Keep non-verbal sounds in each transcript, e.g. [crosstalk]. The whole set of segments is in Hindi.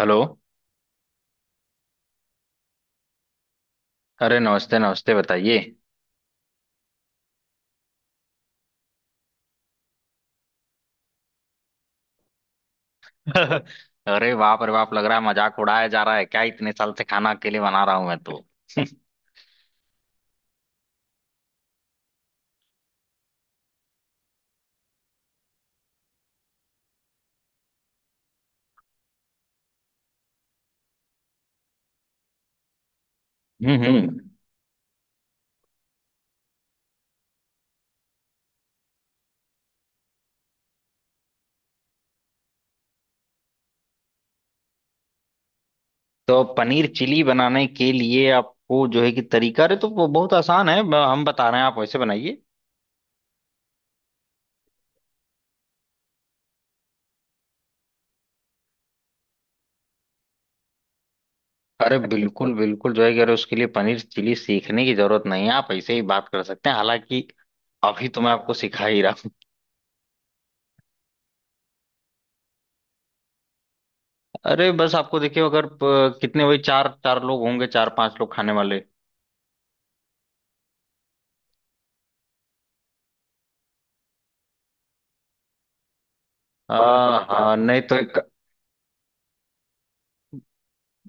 हेलो। अरे नमस्ते नमस्ते, बताइए। [laughs] अरे बाप रे बाप, लग रहा है मजाक उड़ाया जा रहा है क्या, इतने साल से खाना अकेले बना रहा हूं मैं तो। हम्म। तो पनीर चिली बनाने के लिए आपको जो है कि तरीका, अरे तो वो बहुत आसान है, हम बता रहे हैं, आप वैसे बनाइए। अरे बिल्कुल बिल्कुल, जो है कि अरे उसके लिए पनीर चिली सीखने की जरूरत नहीं है, आप ऐसे ही बात कर सकते हैं, हालांकि अभी तो मैं आपको सिखा ही रहा हूँ। अरे बस आपको देखिए, अगर कितने वही चार चार लोग होंगे, चार पांच लोग खाने वाले। हाँ हाँ। नहीं तो,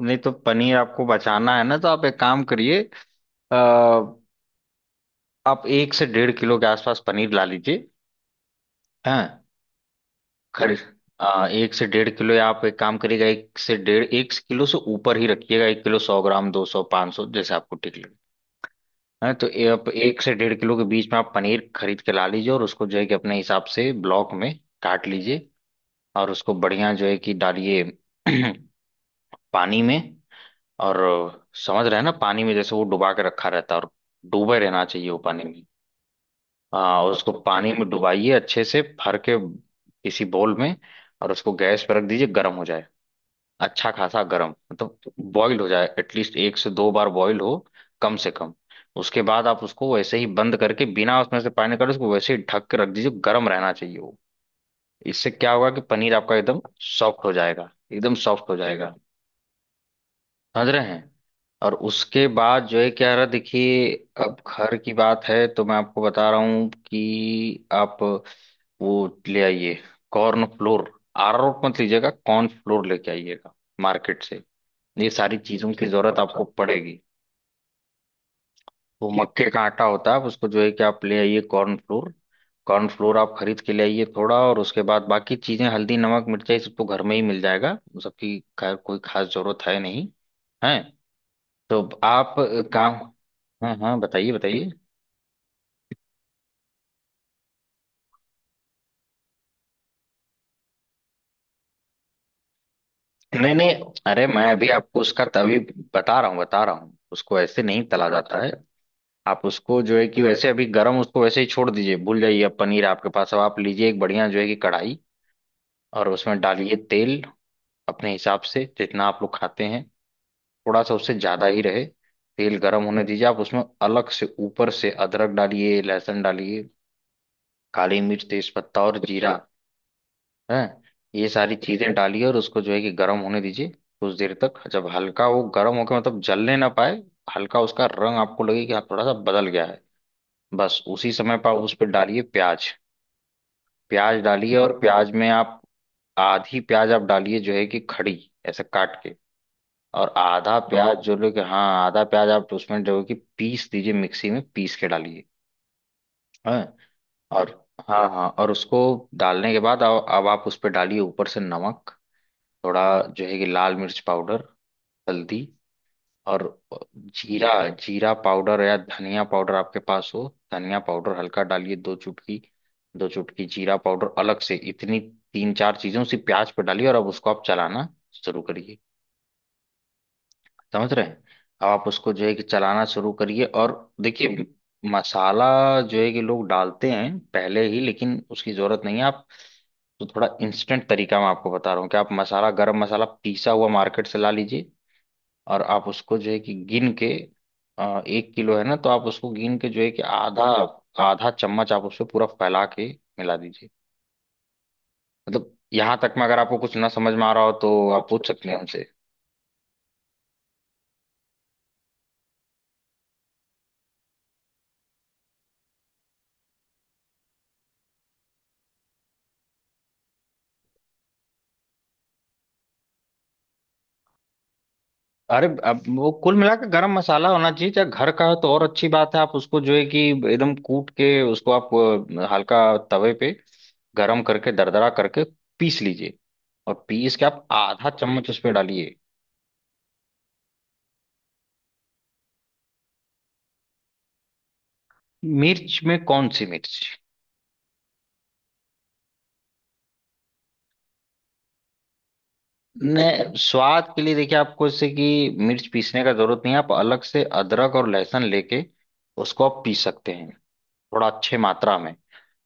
नहीं तो पनीर आपको बचाना है ना, तो आप एक काम करिए। अ, आप एक से डेढ़ किलो के आसपास पनीर ला लीजिए। हाँ, घर। एक से डेढ़ किलो, या आप एक काम करिएगा, एक से डेढ़, एक किलो से ऊपर ही रखिएगा, एक किलो 100 ग्राम, 200, 500, जैसे आपको ठीक लगे। हाँ तो ये आप एक से डेढ़ किलो के बीच में आप पनीर खरीद के ला लीजिए, और उसको जो है कि अपने हिसाब से ब्लॉक में काट लीजिए। और उसको बढ़िया जो है कि डालिए [clears throat] पानी में। और समझ रहे हैं ना, पानी में जैसे वो डुबा के रखा रहता है, और डूबे रहना चाहिए वो पानी में। हाँ, उसको पानी में डुबाइए अच्छे से भर के, किसी बोल में। और उसको गैस पर रख दीजिए, गर्म हो जाए, अच्छा खासा गर्म, मतलब बॉईल हो जाए, एटलीस्ट एक से दो बार बॉईल हो, कम से कम। उसके बाद आप उसको वैसे ही बंद करके, बिना उसमें से पानी निकाले, उसको वैसे ही ढक के रख दीजिए, गर्म रहना चाहिए वो। इससे क्या होगा कि पनीर आपका एकदम सॉफ्ट हो जाएगा, एकदम सॉफ्ट हो जाएगा। समझ रहे हैं। और उसके बाद जो है क्या रहा, देखिए, अब घर की बात है तो मैं आपको बता रहा हूँ कि आप वो ले आइए कॉर्न फ्लोर, अरारोट मत लीजिएगा, कॉर्न फ्लोर लेके आइएगा मार्केट से। ये सारी चीजों की जरूरत आपको पड़ेगी। वो मक्के का आटा होता है, आप उसको जो है कि आप ले आइए कॉर्न फ्लोर। कॉर्न फ्लोर आप खरीद के ले आइए थोड़ा, और उसके बाद बाकी चीजें हल्दी नमक मिर्चा ये सब तो घर में ही मिल जाएगा, उन सबकी खैर कोई खास जरूरत है नहीं है। तो आप काम। हाँ हाँ, बताइए बताइए। नहीं नहीं, अरे मैं अभी आपको उसका तभी बता रहा हूँ, उसको ऐसे नहीं तला जाता है। आप उसको जो है कि वैसे अभी गरम उसको वैसे ही छोड़ दीजिए, भूल जाइए, अब पनीर आपके पास। अब आप लीजिए एक बढ़िया जो है कि कढ़ाई, और उसमें डालिए तेल, अपने हिसाब से जितना आप लोग खाते हैं, थोड़ा सा उससे ज्यादा ही रहे। तेल गर्म होने दीजिए, आप उसमें अलग से ऊपर से अदरक डालिए, लहसुन डालिए, काली मिर्च, तेज पत्ता और जीरा, हैं, ये सारी चीजें डालिए, और उसको जो है कि गर्म होने दीजिए कुछ देर तक, जब हल्का वो गर्म होकर, मतलब जलने ना पाए, हल्का उसका रंग आपको लगे कि हाँ थोड़ा सा बदल गया है, बस उसी समय पर आप उस पर डालिए प्याज। प्याज डालिए, और प्याज में आप आधी प्याज आप डालिए जो है कि खड़ी, ऐसे काट के, और आधा प्याज जो लोग, हाँ आधा प्याज आप उसमें जो है कि पीस दीजिए, मिक्सी में पीस के डालिए। हाँ। और हाँ हाँ, और उसको डालने के बाद, अब आप उस पर डालिए ऊपर से नमक, थोड़ा जो है कि लाल मिर्च पाउडर, हल्दी, और जीरा, जीरा पाउडर या धनिया पाउडर आपके पास हो, धनिया पाउडर हल्का डालिए दो चुटकी, दो चुटकी जीरा पाउडर अलग से, इतनी तीन चार चीजें उसी प्याज पे डालिए, और अब उसको आप चलाना शुरू करिए। समझ रहे हैं। अब आप उसको जो है कि चलाना शुरू करिए, और देखिए, मसाला जो है कि लोग डालते हैं पहले ही, लेकिन उसकी जरूरत नहीं है आप, तो थोड़ा इंस्टेंट तरीका मैं आपको बता रहा हूँ कि आप मसाला गरम मसाला पीसा हुआ मार्केट से ला लीजिए, और आप उसको जो है कि गिन के, एक किलो है ना, तो आप उसको गिन के जो है कि आधा, आधा चम्मच आप उसको पूरा फैला के मिला दीजिए। मतलब यहाँ तक में अगर आपको कुछ ना समझ में आ रहा हो तो आप पूछ सकते हैं हमसे। अरे अब वो कुल मिला के गरम मसाला होना चाहिए, चाहे घर का हो तो और अच्छी बात है, आप उसको जो है कि एकदम कूट के उसको आप हल्का तवे पे गरम करके दरदरा करके पीस लीजिए, और पीस के आप आधा चम्मच उसमें डालिए। मिर्च में कौन सी मिर्च? नहीं, स्वाद के लिए देखिए आपको इससे कि मिर्च पीसने का जरूरत नहीं है, आप अलग से अदरक और लहसुन लेके उसको आप पीस सकते हैं थोड़ा अच्छे मात्रा में,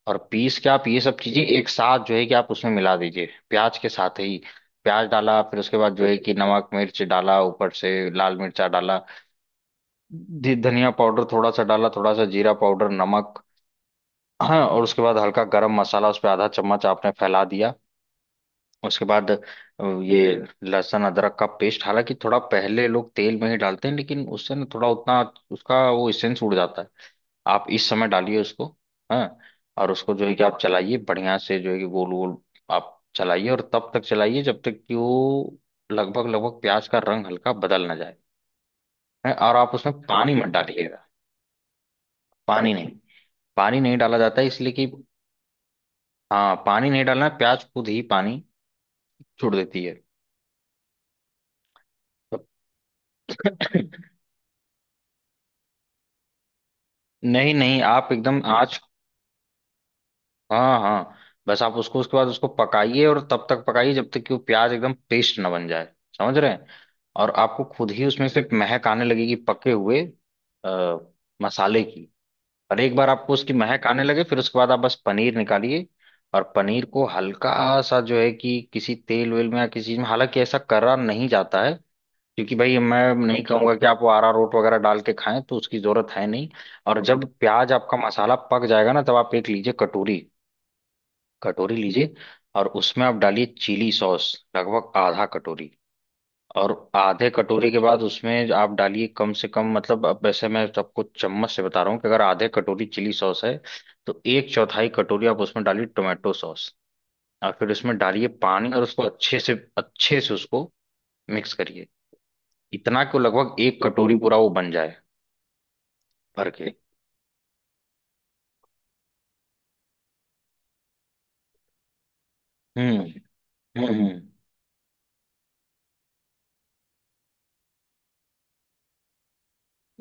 और पीस के आप ये सब चीजें एक साथ जो है कि आप उसमें मिला दीजिए प्याज के साथ ही। प्याज डाला, फिर उसके बाद जो है कि नमक मिर्च डाला, ऊपर से लाल मिर्चा डाला, धनिया पाउडर थोड़ा सा डाला, थोड़ा सा जीरा पाउडर, नमक, हाँ, और उसके बाद हल्का गरम मसाला उस पर आधा चम्मच आपने फैला दिया। उसके बाद ये लहसुन अदरक का पेस्ट, हालांकि थोड़ा पहले लोग तेल में ही डालते हैं, लेकिन उससे ना थोड़ा उतना उसका वो सेंस उड़ जाता है, आप इस समय डालिए उसको। हाँ, और उसको जो है कि आप चलाइए बढ़िया से जो है कि गोल गोल, आप चलाइए और तब तक चलाइए जब तक कि वो लगभग लगभग प्याज का रंग हल्का बदल ना जाए। हैं, और आप उसमें पानी मत डालिएगा, पानी नहीं, पानी नहीं डाला जाता है, इसलिए कि हाँ पानी नहीं डालना है, प्याज खुद ही पानी छोड़ देती है। तो [clears throat] नहीं नहीं, आप एकदम आँच। हाँ हाँ। बस आप उसको उसके बाद उसको पकाइए, और तब तक पकाइए जब तक कि वो प्याज एकदम पेस्ट ना बन जाए। समझ रहे हैं। और आपको खुद ही उसमें से महक आने लगेगी पके हुए, आ, मसाले की। और एक बार आपको उसकी महक आने लगे, फिर उसके बाद आप बस पनीर निकालिए, और पनीर को हल्का सा जो है कि किसी तेल वेल में या किसी चीज में, हालांकि ऐसा करा नहीं जाता है, क्योंकि भाई मैं नहीं कहूंगा कि आप वो अरारोट वगैरह डाल के खाएं, तो उसकी जरूरत है नहीं। और जब प्याज आपका मसाला पक जाएगा ना, तब आप एक लीजिए कटोरी, कटोरी लीजिए, और उसमें आप डालिए चिली सॉस लगभग आधा कटोरी। और आधे कटोरी के बाद उसमें आप डालिए कम से कम, मतलब अब वैसे मैं आपको चम्मच से बता रहा हूँ कि अगर आधे कटोरी चिली सॉस है तो एक चौथाई कटोरी आप उसमें डालिए टोमेटो सॉस, और फिर उसमें डालिए पानी, और उसको अच्छे से उसको मिक्स करिए, इतना कि वो लगभग एक कटोरी पूरा वो बन जाए भर के। हम्म हम्म। हम्म।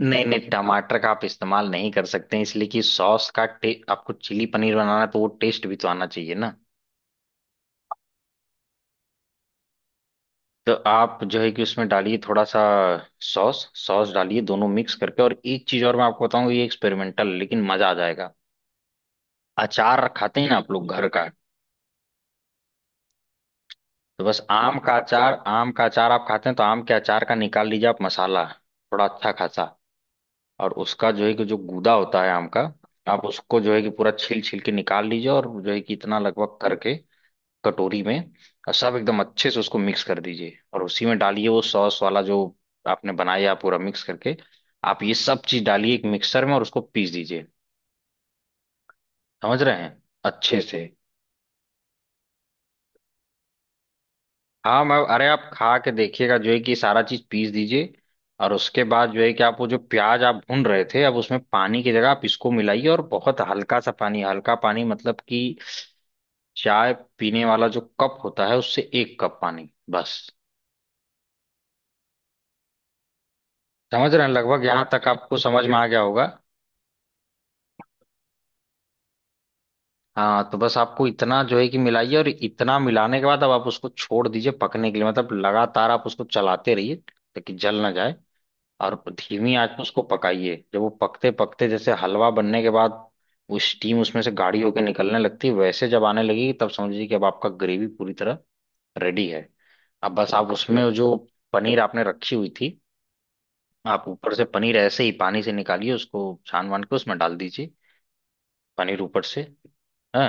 नहीं नहीं, टमाटर का आप इस्तेमाल नहीं कर सकते हैं, इसलिए कि सॉस का टे, आपको चिली पनीर बनाना है तो वो टेस्ट भी तो आना चाहिए ना। तो आप जो है कि उसमें डालिए थोड़ा सा सॉस, सॉस डालिए दोनों मिक्स करके। और एक चीज और मैं आपको बताऊं, ये एक्सपेरिमेंटल लेकिन मजा आ जाएगा। अचार खाते हैं ना आप लोग घर का? तो बस आम का अचार, आम का अचार आप खाते हैं तो आम के अचार का निकाल लीजिए आप मसाला, थोड़ा अच्छा खासा। और उसका जो है कि जो गूदा होता है आम का, आप उसको जो है कि पूरा छील छील के निकाल लीजिए और जो है कि इतना लगभग करके कटोरी में, और सब एकदम अच्छे से उसको मिक्स कर दीजिए, और उसी में डालिए वो सॉस वाला जो आपने बनाया पूरा मिक्स करके। आप ये सब चीज डालिए एक मिक्सर में और उसको पीस दीजिए। समझ रहे हैं, अच्छे ठीक से। हाँ मैं, अरे आप खा के देखिएगा, जो है कि सारा चीज पीस दीजिए, और उसके बाद जो है कि आप वो जो प्याज आप भून रहे थे अब उसमें पानी की जगह आप इसको मिलाइए, और बहुत हल्का सा पानी, हल्का पानी मतलब कि चाय पीने वाला जो कप होता है उससे एक कप पानी बस। समझ रहे हैं, लगभग यहाँ तक आपको समझ में आ गया होगा। हाँ, तो बस आपको इतना जो है कि मिलाइए, और इतना मिलाने के बाद अब आप उसको छोड़ दीजिए पकने के लिए, मतलब लगातार आप उसको चलाते रहिए ताकि जल ना जाए, और धीमी आंच में उसको पकाइए। जब वो पकते पकते जैसे हलवा बनने के बाद वो स्टीम उसमें से गाढ़ी होकर निकलने लगती है, वैसे जब आने लगेगी तब समझिए कि अब आपका ग्रेवी पूरी तरह रेडी है। अब बस आप उसमें जो पनीर आपने रखी हुई थी, आप ऊपर से पनीर ऐसे ही पानी से निकालिए उसको छान वान के उसमें डाल दीजिए, पनीर ऊपर से। हाँ,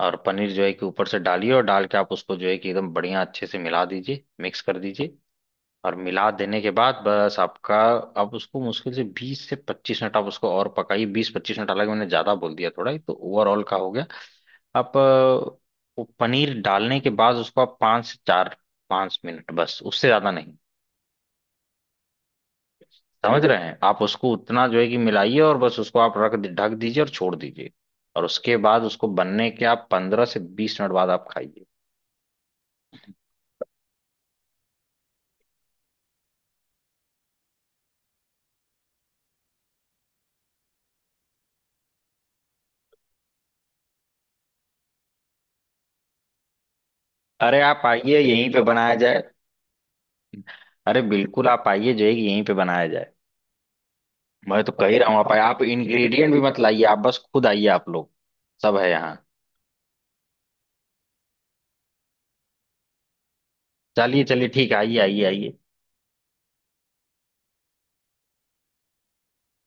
और पनीर जो है कि ऊपर से डालिए, और डाल के आप उसको जो है कि एकदम बढ़िया अच्छे से मिला दीजिए, मिक्स कर दीजिए। और मिला देने के बाद बस आपका, आप उसको मुश्किल से 20 से 25 मिनट आप उसको और पकाइए, 20-25 मिनट, हालांकि मैंने ज्यादा बोल दिया, थोड़ा ही तो ओवरऑल का हो गया। आप वो पनीर डालने के बाद उसको आप पाँच से चार पाँच मिनट बस, उससे ज्यादा नहीं। समझ रहे हैं, आप उसको उतना जो है कि मिलाइए, और बस उसको आप ढक दीजिए और छोड़ दीजिए। और उसके बाद उसको बनने के आप 15 से 20 मिनट बाद आप खाइए। अरे आप आइए, यहीं पे बनाया जाए। अरे बिल्कुल आप आइए, जो है कि यहीं पे बनाया जाए। मैं तो कह ही रहा हूँ, आप आइए। आप इंग्रेडिएंट भी मत लाइए, आप बस खुद आइए आप लोग, सब है यहाँ। चलिए चलिए ठीक है, आइए आइए आइए।